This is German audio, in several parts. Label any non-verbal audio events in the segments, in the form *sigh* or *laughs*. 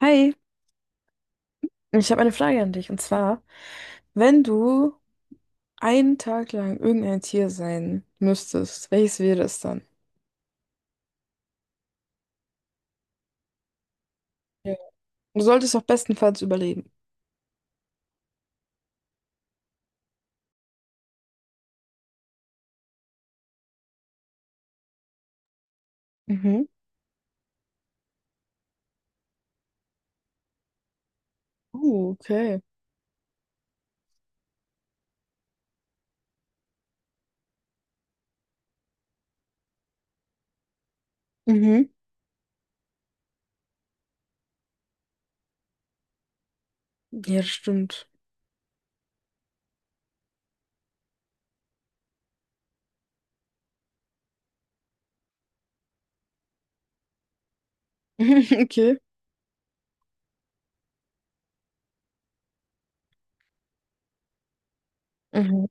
Hi, ich habe eine Frage an dich. Und zwar, wenn du einen Tag lang irgendein Tier sein müsstest, welches wäre es dann? Ja. Du solltest auch bestenfalls überleben. Mhm. Okay. Mhm. Ja, das stimmt. *laughs* Okay. Mhm.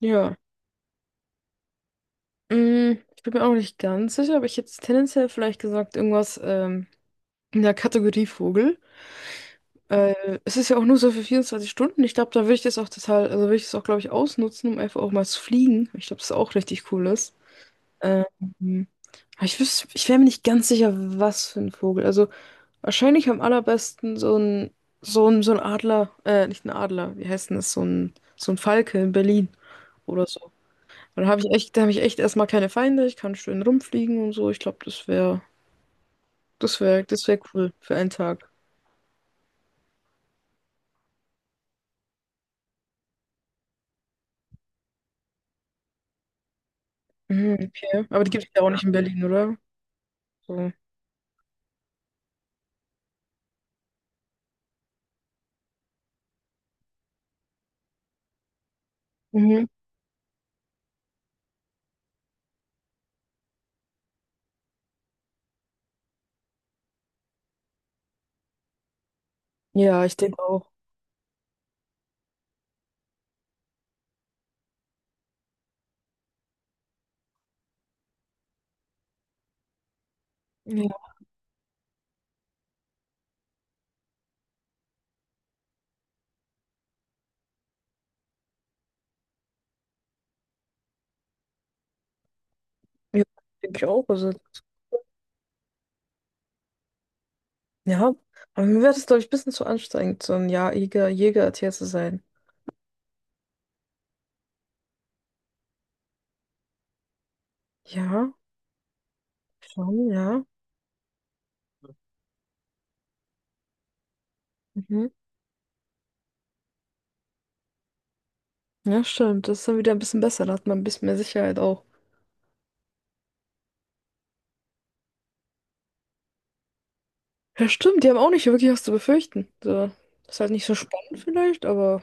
Ja. Mm, ich bin mir auch nicht ganz sicher, aber ich hätte jetzt tendenziell vielleicht gesagt, irgendwas in der Kategorie Vogel. Es ist ja auch nur so für 24 Stunden. Ich glaube, da würde ich das auch total, also würde ich das auch, glaube ich, ausnutzen, um einfach auch mal zu fliegen. Ich glaube, das ist auch richtig cool. Ähm, aber ich wüsste, ich wäre mir nicht ganz sicher, was für ein Vogel. Also wahrscheinlich am allerbesten so ein Adler, nicht ein Adler, wie heißt denn das? So ein Falke in Berlin oder so. Und da habe da habe ich echt erstmal keine Feinde, ich kann schön rumfliegen und so. Ich glaube, das wäre cool für einen Tag. Mhm, okay. Aber die gibt es ja auch nicht in Berlin, oder? So. Mhm. Ja, ich denke auch. Ja, ja, denke ich auch. Also. Ja, aber mir wäre das, glaube ich, ein bisschen zu anstrengend, so ein Jahr Jägertier zu sein. Ja, schon, ja. Mhm. Ja, stimmt. Das ist dann wieder ein bisschen besser. Da hat man ein bisschen mehr Sicherheit auch. Ja, stimmt. Die haben auch nicht wirklich was zu befürchten. So. Ist halt nicht so spannend vielleicht, aber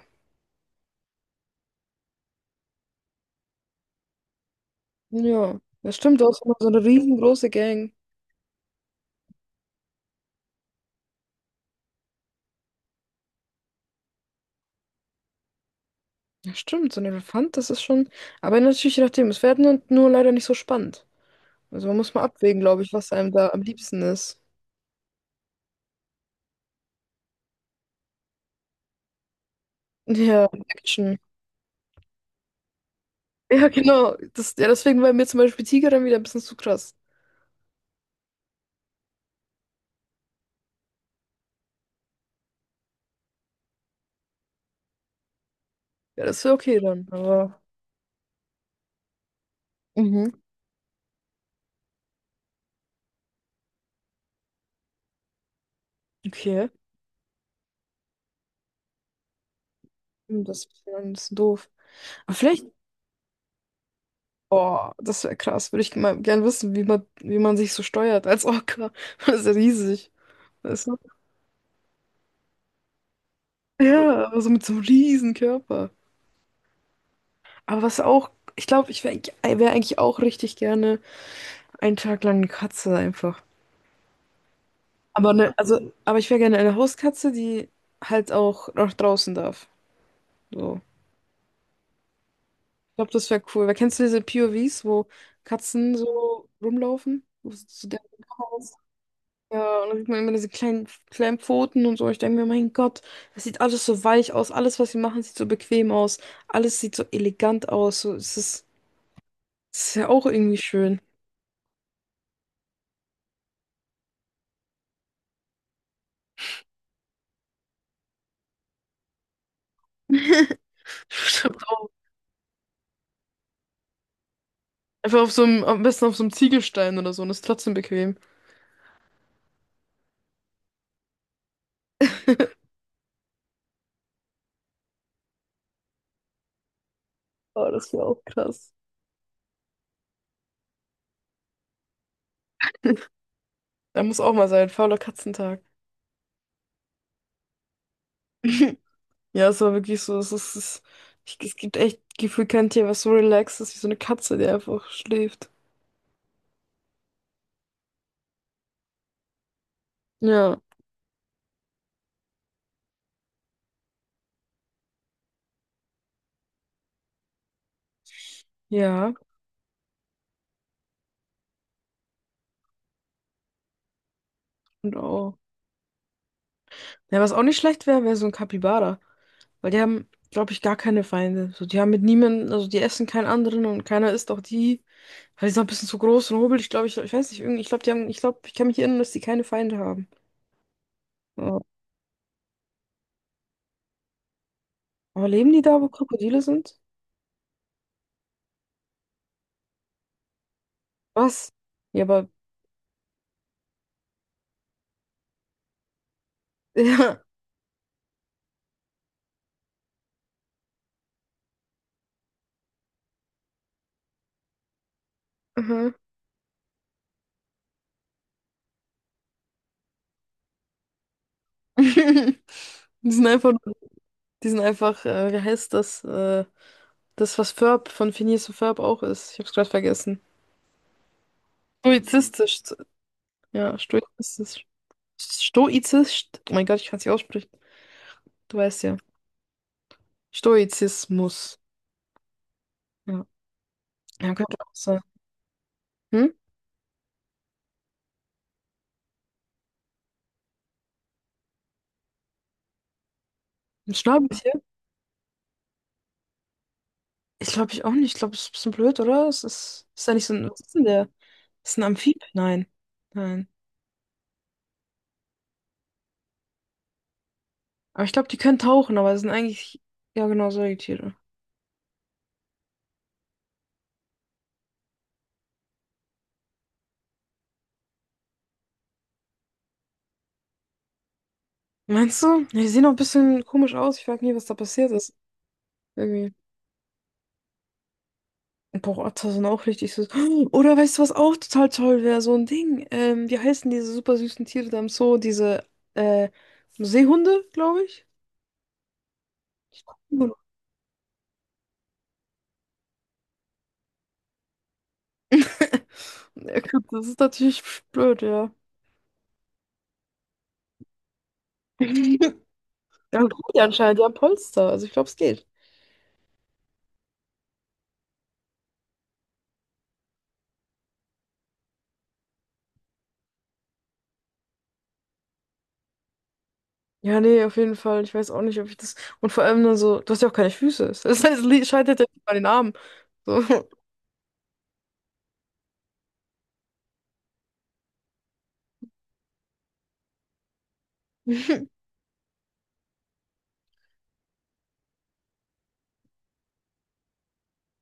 ja. Das stimmt. Du hast immer so eine riesengroße Gang. Ja, stimmt. So ein Elefant, das ist schon. Aber natürlich, je nachdem. Es wäre nur leider nicht so spannend. Also man muss mal abwägen, glaube ich, was einem da am liebsten ist. Ja, Action. *laughs* Ja, genau. Ja, deswegen war mir zum Beispiel Tiger dann wieder ein bisschen zu krass. Ja, das wäre okay dann, aber mhm. Okay. Hm, das ist dann ein bisschen doof. Aber vielleicht, boah, das wäre krass. Würde ich mal gern wissen, wie man sich so steuert als Orca. *laughs* Das ist ja riesig. Weißt du? Ja, aber so mit so einem riesen Körper. Aber was auch, ich glaube, ich wäre eigentlich auch richtig gerne einen Tag lang eine Katze einfach. Aber ne, also, aber ich wäre gerne eine Hauskatze, die halt auch nach draußen darf. So. Ich glaube, das wäre cool. Weil kennst du diese POVs, wo Katzen so rumlaufen? Wo es zu deren Kameras- ja, und dann sieht man immer diese kleinen Pfoten und so. Ich denke mir, mein Gott, das sieht alles so weich aus. Alles, was sie machen, sieht so bequem aus. Alles sieht so elegant aus. So, es ist ja auch irgendwie schön. *laughs* Stimmt auch. Einfach am besten auf so einem Ziegelstein oder so. Und ist trotzdem bequem. Oh, das wäre auch krass. Da muss auch mal sein. Fauler Katzentag. *laughs* Ja, es war wirklich so, es ist, es, ich, es gibt echt gefühlt kein Tier, was so relaxed ist wie so eine Katze, die einfach schläft. Ja. Ja, und auch. Ja, was auch nicht schlecht wäre, wäre so ein Kapibara. Weil die haben, glaube ich, gar keine Feinde. So, die haben mit niemandem, also die essen keinen anderen und keiner isst auch die. Weil die sind auch ein bisschen zu groß und hobelig, glaube ich. Ich weiß nicht, irgendwie, ich glaube, ich kann mich erinnern, dass die keine Feinde haben. Ja. Aber leben die da, wo Krokodile sind? Was? Ja, aber. *laughs* Ja. Aha. *laughs* Die sind einfach Die sind einfach, wie heißt das, das, was Ferb von Phineas und Ferb auch ist. Ich hab's gerade vergessen. Stoizistisch. Ja, stoizistisch. Stoizistisch. Oh mein Gott, ich kann's nicht aussprechen. Du weißt ja. Stoizismus. Ja, ja, könnte auch sein. Hm? Ein Schnabeltier? Ich glaube ich auch nicht. Ich glaube, es ist ein bisschen blöd, oder? Ist ja nicht so ein. Was ist denn der? Ist ein Amphib? Nein. Nein. Aber ich glaube, die können tauchen, aber es sind eigentlich. Ja, genau, Säugetiere. Meinst du? Ja, die sehen auch ein bisschen komisch aus. Ich frage nie, was da passiert ist. Irgendwie. Boah, das sind auch richtig süß. Oder weißt du, was auch total toll wäre? So ein Ding. Wie heißen diese super süßen Tiere da im Zoo? Diese äh, Seehunde, glaube ich. *laughs* Hm. Ja, gut, das ist natürlich blöd, ja. *laughs* Ja, gut, die anscheinend, die haben Polster. Also ich glaube, es geht. Ja, nee, auf jeden Fall. Ich weiß auch nicht, ob ich das. Und vor allem dann so, du hast ja auch keine Füße. *laughs* Das heißt, es scheitert ja nicht bei den Armen. So. *laughs*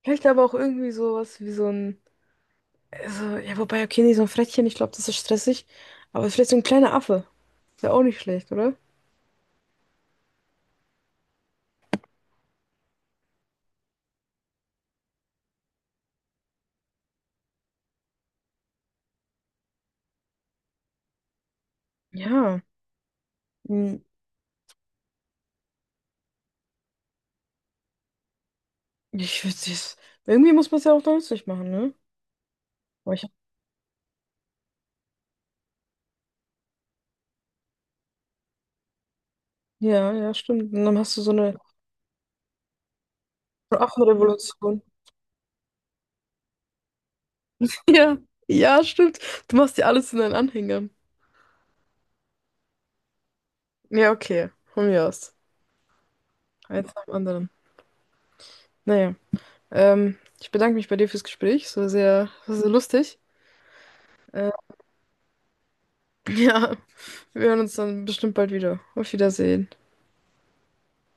Vielleicht aber auch irgendwie sowas wie so ein. Also, ja, wobei, okay, nee, so ein Frettchen, ich glaube, das ist stressig. Aber vielleicht so ein kleiner Affe. Ist ja auch nicht schlecht, oder? Ja. Hm, ich würde es. Irgendwie muss man es ja auch nützlich machen, ne? Aber ich, ja, ja, stimmt. Und dann hast du so eine Affenrevolution. *laughs* Ja, ja, stimmt. Du machst dir alles in deinen Anhänger. Ja, okay. Von mir aus. Eins nach dem anderen. Naja. Ich bedanke mich bei dir fürs Gespräch. Es war war sehr lustig. Äh, *laughs* ja, wir hören uns dann bestimmt bald wieder. Auf Wiedersehen.